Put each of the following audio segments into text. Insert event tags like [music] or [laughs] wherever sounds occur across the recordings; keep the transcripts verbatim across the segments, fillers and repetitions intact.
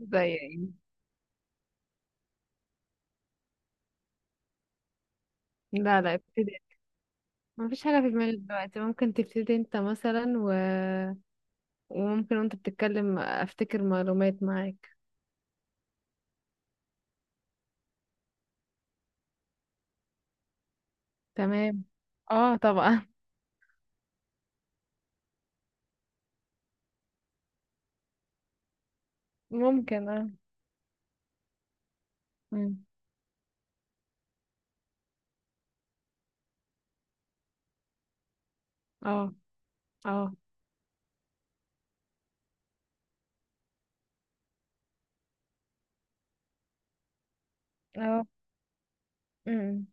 زي ايه؟ لا، لا، ابتدي. ما فيش حاجة في دماغي دلوقتي. ممكن تبتدي انت مثلا و... وممكن وانت بتتكلم افتكر معلومات معاك. تمام. اه، طبعا. [laughs] ممكن، اه. مم. اه، اه، اه. مم.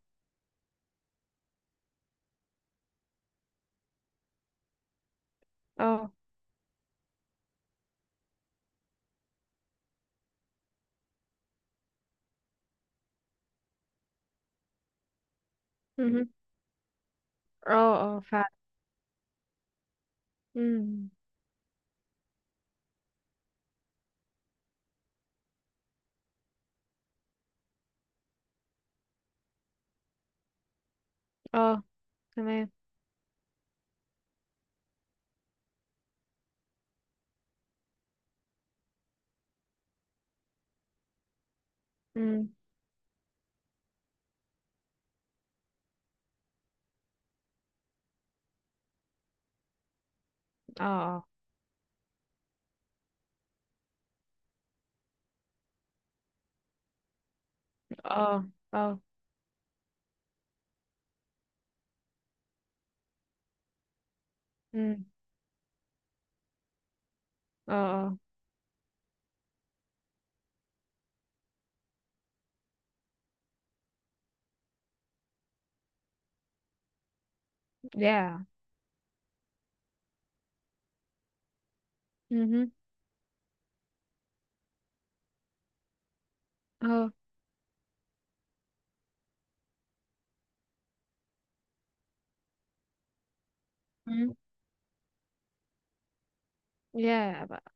اه. مهم. اه، اه، فعلا. مم. اه. تمام. مم. اه، اه، اه، اه. مم. اه، اه. يا. مهم. اه. مم. يا بقى.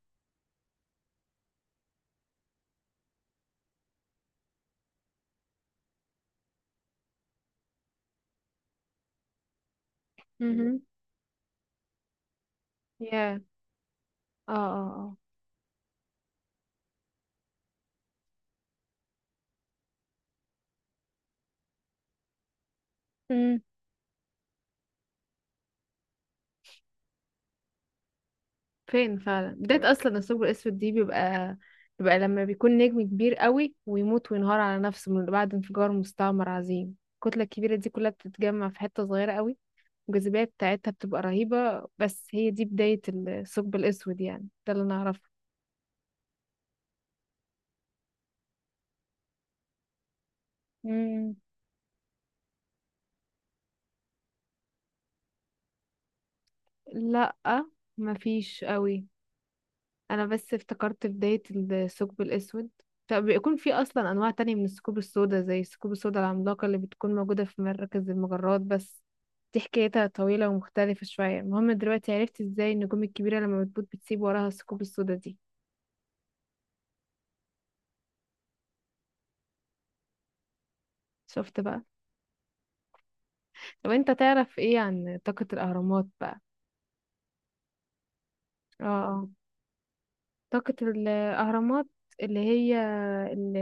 مهم. يا. اه، اه، اه. فين فعلا؟ بداية اصلا الثقب الاسود دي بيبقى بيبقى لما بيكون نجم كبير قوي ويموت وينهار على نفسه من بعد انفجار مستعمر عظيم، الكتلة الكبيرة دي كلها بتتجمع في حتة صغيرة قوي. الجاذبية بتاعتها بتبقى رهيبة، بس هي دي بداية الثقب الاسود، يعني ده اللي نعرفه. مم. لا، مفيش قوي. انا بس افتكرت بداية الثقب الاسود، فبيكون في اصلا انواع تانية من الثقوب السوداء زي الثقوب السوداء العملاقة اللي بتكون موجودة في مراكز المجرات، بس دي حكايتها طويلة ومختلفة شوية. المهم دلوقتي عرفت ازاي النجوم الكبيرة لما بتموت بتسيب وراها الثقوب السوداء دي. شفت بقى؟ طب انت تعرف ايه عن طاقة الاهرامات بقى؟ اه. آه. طاقة الاهرامات اللي هي ال-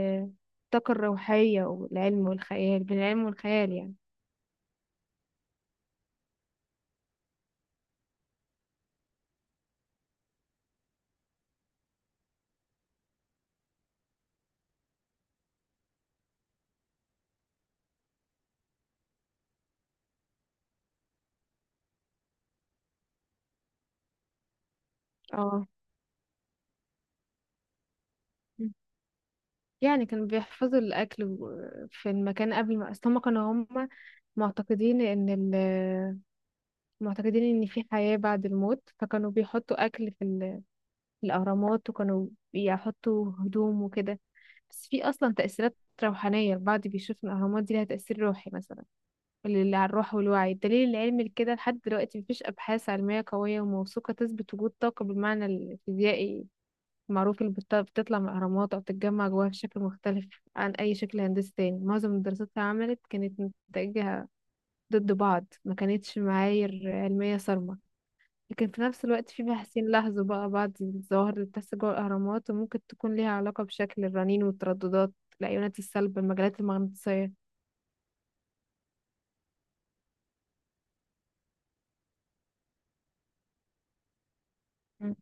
الطاقة الروحية والعلم والخيال، بين العلم والخيال يعني. اه، يعني كانوا بيحفظوا الأكل و- في المكان قبل ما أصل. هما كانوا هما معتقدين إن ال معتقدين إن في حياة بعد الموت، فكانوا بيحطوا أكل في, ال... في الأهرامات، وكانوا بيحطوا هدوم وكده. بس في أصلا تأثيرات روحانية، البعض بيشوف إن الأهرامات دي لها تأثير روحي مثلا، اللي على الروح والوعي. الدليل العلمي لكده لحد دلوقتي مفيش أبحاث علمية قوية وموثوقة تثبت وجود طاقة بالمعنى الفيزيائي معروف اللي بت- بتطلع من الأهرامات أو بتتجمع جواها بشكل مختلف عن أي شكل هندسي تاني. معظم الدراسات اللي عملت كانت متجهة ضد بعض، ما كانتش معايير علمية صارمة. لكن في نفس الوقت في باحثين لاحظوا بقى بعض الظواهر اللي بتحصل جوه الأهرامات وممكن تكون ليها علاقة بشكل الرنين والترددات، الأيونات السلبة، المجالات المغناطيسية. مم.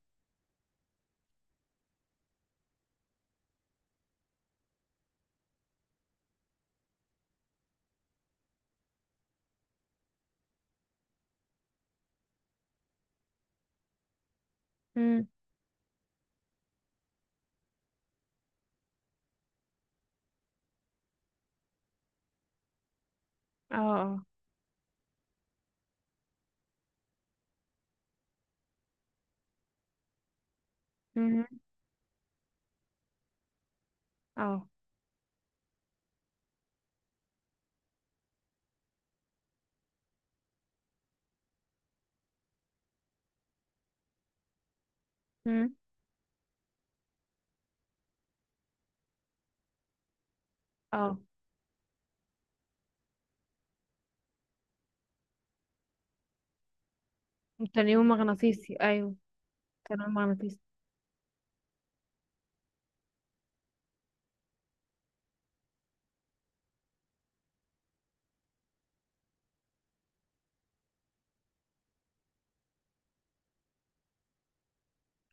مم. اه، اه. مم. اه. مم. اه. تنويم مغناطيسي أيوه. تنويم مغناطيسي.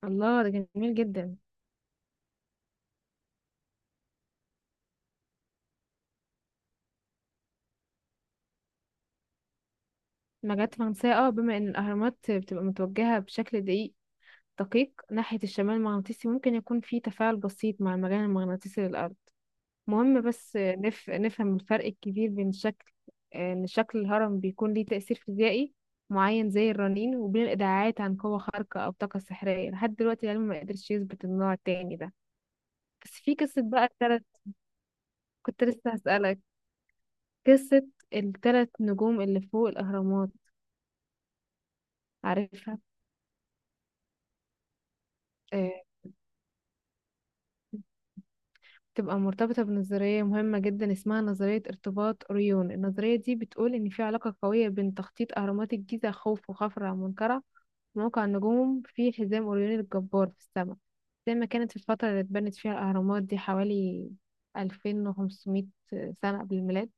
الله، ده جميل جدا. مجات فرنسية، اه، بما ان الاهرامات بتبقى متوجهة بشكل دقيق دقيق ناحية الشمال المغناطيسي، ممكن يكون في تفاعل بسيط مع المجال المغناطيسي للأرض. مهم، بس نف... نفهم الفرق الكبير بين شكل، ان شكل الهرم بيكون ليه تأثير فيزيائي معين زي الرنين، وبين الإدعاءات عن قوة خارقة أو طاقة سحرية. لحد دلوقتي العلم ما قدرش يثبت النوع التاني ده. بس في قصة بقى التلت. كنت لسه هسألك. قصة التلت نجوم اللي فوق الأهرامات، عارفها؟ آه، تبقى مرتبطة بنظرية مهمة جدا اسمها نظرية ارتباط أوريون. النظرية دي بتقول إن في علاقة قوية بين تخطيط أهرامات الجيزة، خوف وخفرع ومنكرع، وموقع النجوم في حزام أوريون الجبار في السماء، زي ما كانت في الفترة اللي اتبنت فيها الأهرامات دي، حوالي ألفين وخمس مئة سنة قبل الميلاد.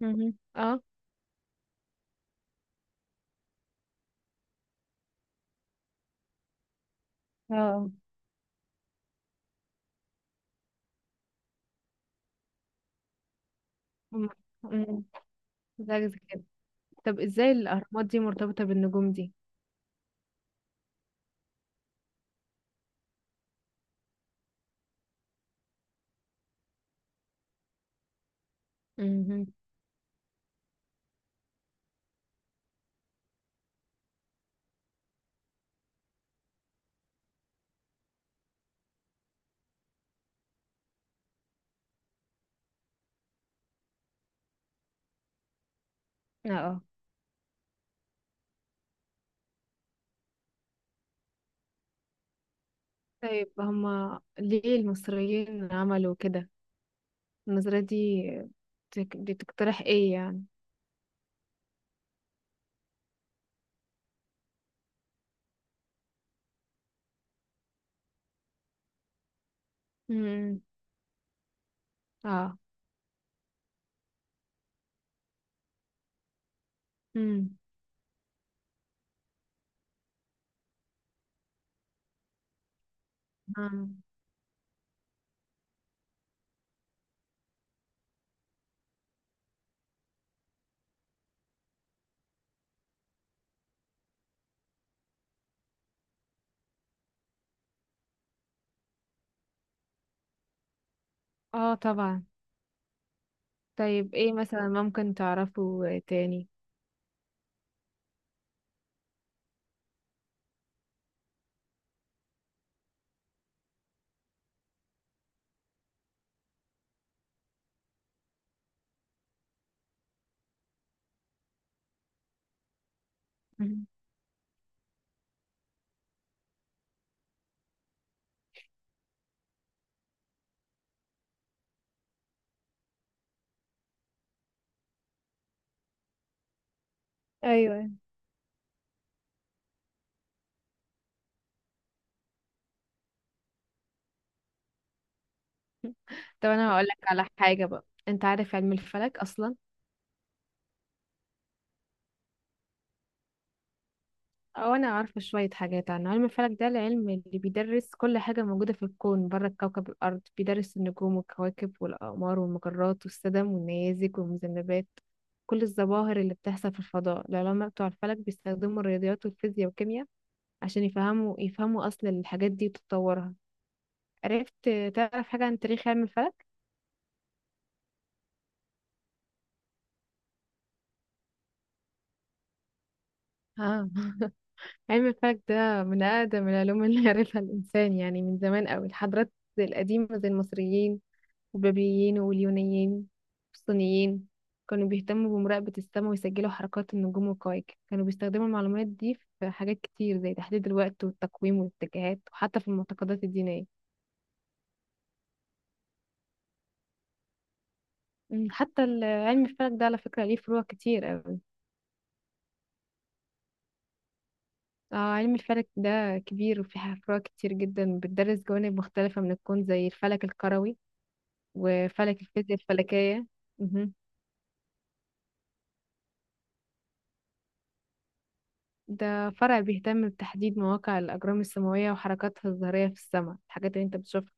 مهم. اه، اه. مم. مم. زي كده. طب ازاي الأهرامات دي مرتبطة بالنجوم دي؟ مهم. اه. آه. طيب هما ليه المصريين عملوا كده؟ النظرية دي بتك- بتقترح ايه يعني. امم. اه. امم. اه. آه، طبعا. طيب ايه مثلا ممكن تعرفه تاني؟ مم. ايوه. طب انا هقول لك على حاجة بقى. انت عارف علم الفلك اصلا؟ او انا عارفة شوية حاجات عنه. علم الفلك ده العلم اللي بيدرس كل حاجة موجودة في الكون بره كوكب الارض، بيدرس النجوم والكواكب والاقمار والمجرات والسدم والنيازك والمذنبات، كل الظواهر اللي بتحصل في الفضاء. العلماء بتوع الفلك بيستخدموا الرياضيات والفيزياء والكيمياء عشان يفهموا يفهموا أصل الحاجات دي وتطورها. عرفت؟ تعرف حاجة عن تاريخ علم الفلك؟ اه. [laughs] علم الفلك ده من أقدم العلوم اللي [laughs] عرفها الإنسان، يعني من زمان أوي. الحضارات القديمة زي المصريين والبابليين واليونانيين والصينيين كانوا بيهتموا بمراقبة السماء ويسجلوا حركات النجوم والكواكب. كانوا بيستخدموا المعلومات دي في حاجات كتير زي تحديد الوقت والتقويم والاتجاهات، وحتى في المعتقدات الدينية. أمم. حتى ال- علم الفلك ده على فكرة ليه فروع كتير أوي. اه، علم الفلك ده كبير وفيه فروع كتير جدا بتدرس جوانب مختلفة من الكون، زي الفلك الكروي وفلك الفيزياء الفلكية. مهم. ده فرع بيهتم بتحديد مواقع الأجرام السماوية وحركاتها الظاهرية في السماء، الحاجات اللي انت بتشوفها.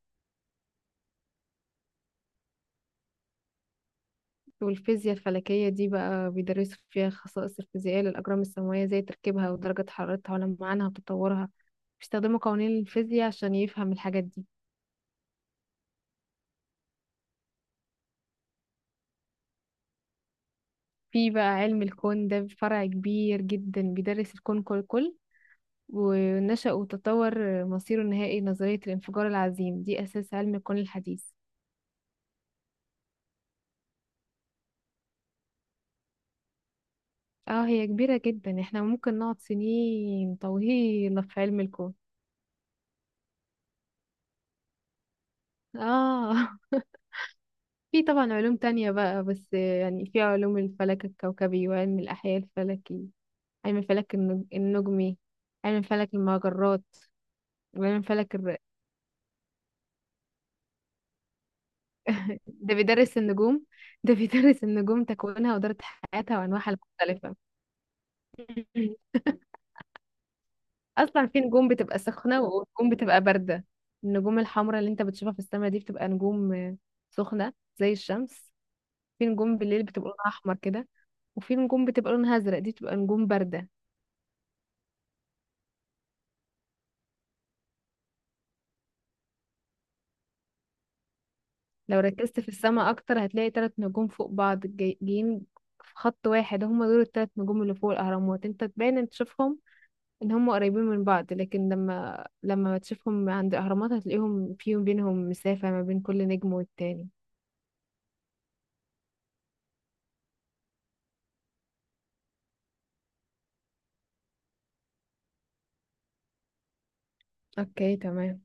والفيزياء الفلكية دي بقى بيدرسوا فيها الخصائص الفيزيائية للأجرام السماوية زي تركيبها ودرجة حرارتها ولمعانها وتطورها، بيستخدموا قوانين الفيزياء عشان يفهم الحاجات دي. في بقى علم الكون، ده فرع كبير جدا بيدرس الكون كله ونشأ وتطور مصيره النهائي. نظرية الانفجار العظيم دي أساس علم الكون الحديث. اه، هي كبيرة جدا، احنا ممكن نقعد سنين طويلة في علم الكون. اه. [laughs] في طبعا علوم تانية بقى، بس يعني في علوم الفلك الكوكبي وعلم الأحياء الفلكي، علم الفلك النج- النجمي، علم فلك المجرات، وعلم فلك الر... ده بيدرس النجوم. [laughs] ده بيدرس النجوم، تكوينها ودورة حياتها وأنواعها المختلفة. [laughs] اصلا في نجوم بتبقى سخنه ونجوم بتبقى بارده. النجوم الحمراء اللي انت بتشوفها في السماء دي بتبقى نجوم آه، سخنه زي الشمس. في نجوم بالليل بتبقى لونها احمر كده، وفي نجوم بتبقى لونها ازرق، دي بتبقى نجوم بارده. لو ركزت في السماء اكتر هتلاقي ثلاث نجوم فوق بعض جاي- جايين في خط واحد، هما دول الثلاث نجوم اللي فوق الاهرامات. انت تبان ان تشوفهم ان هم قريبين من بعض، لكن لما لما تشوفهم عند الاهرامات هتلاقيهم فيهم بينهم مسافه ما بين كل نجم والتاني. اوكي، تمام.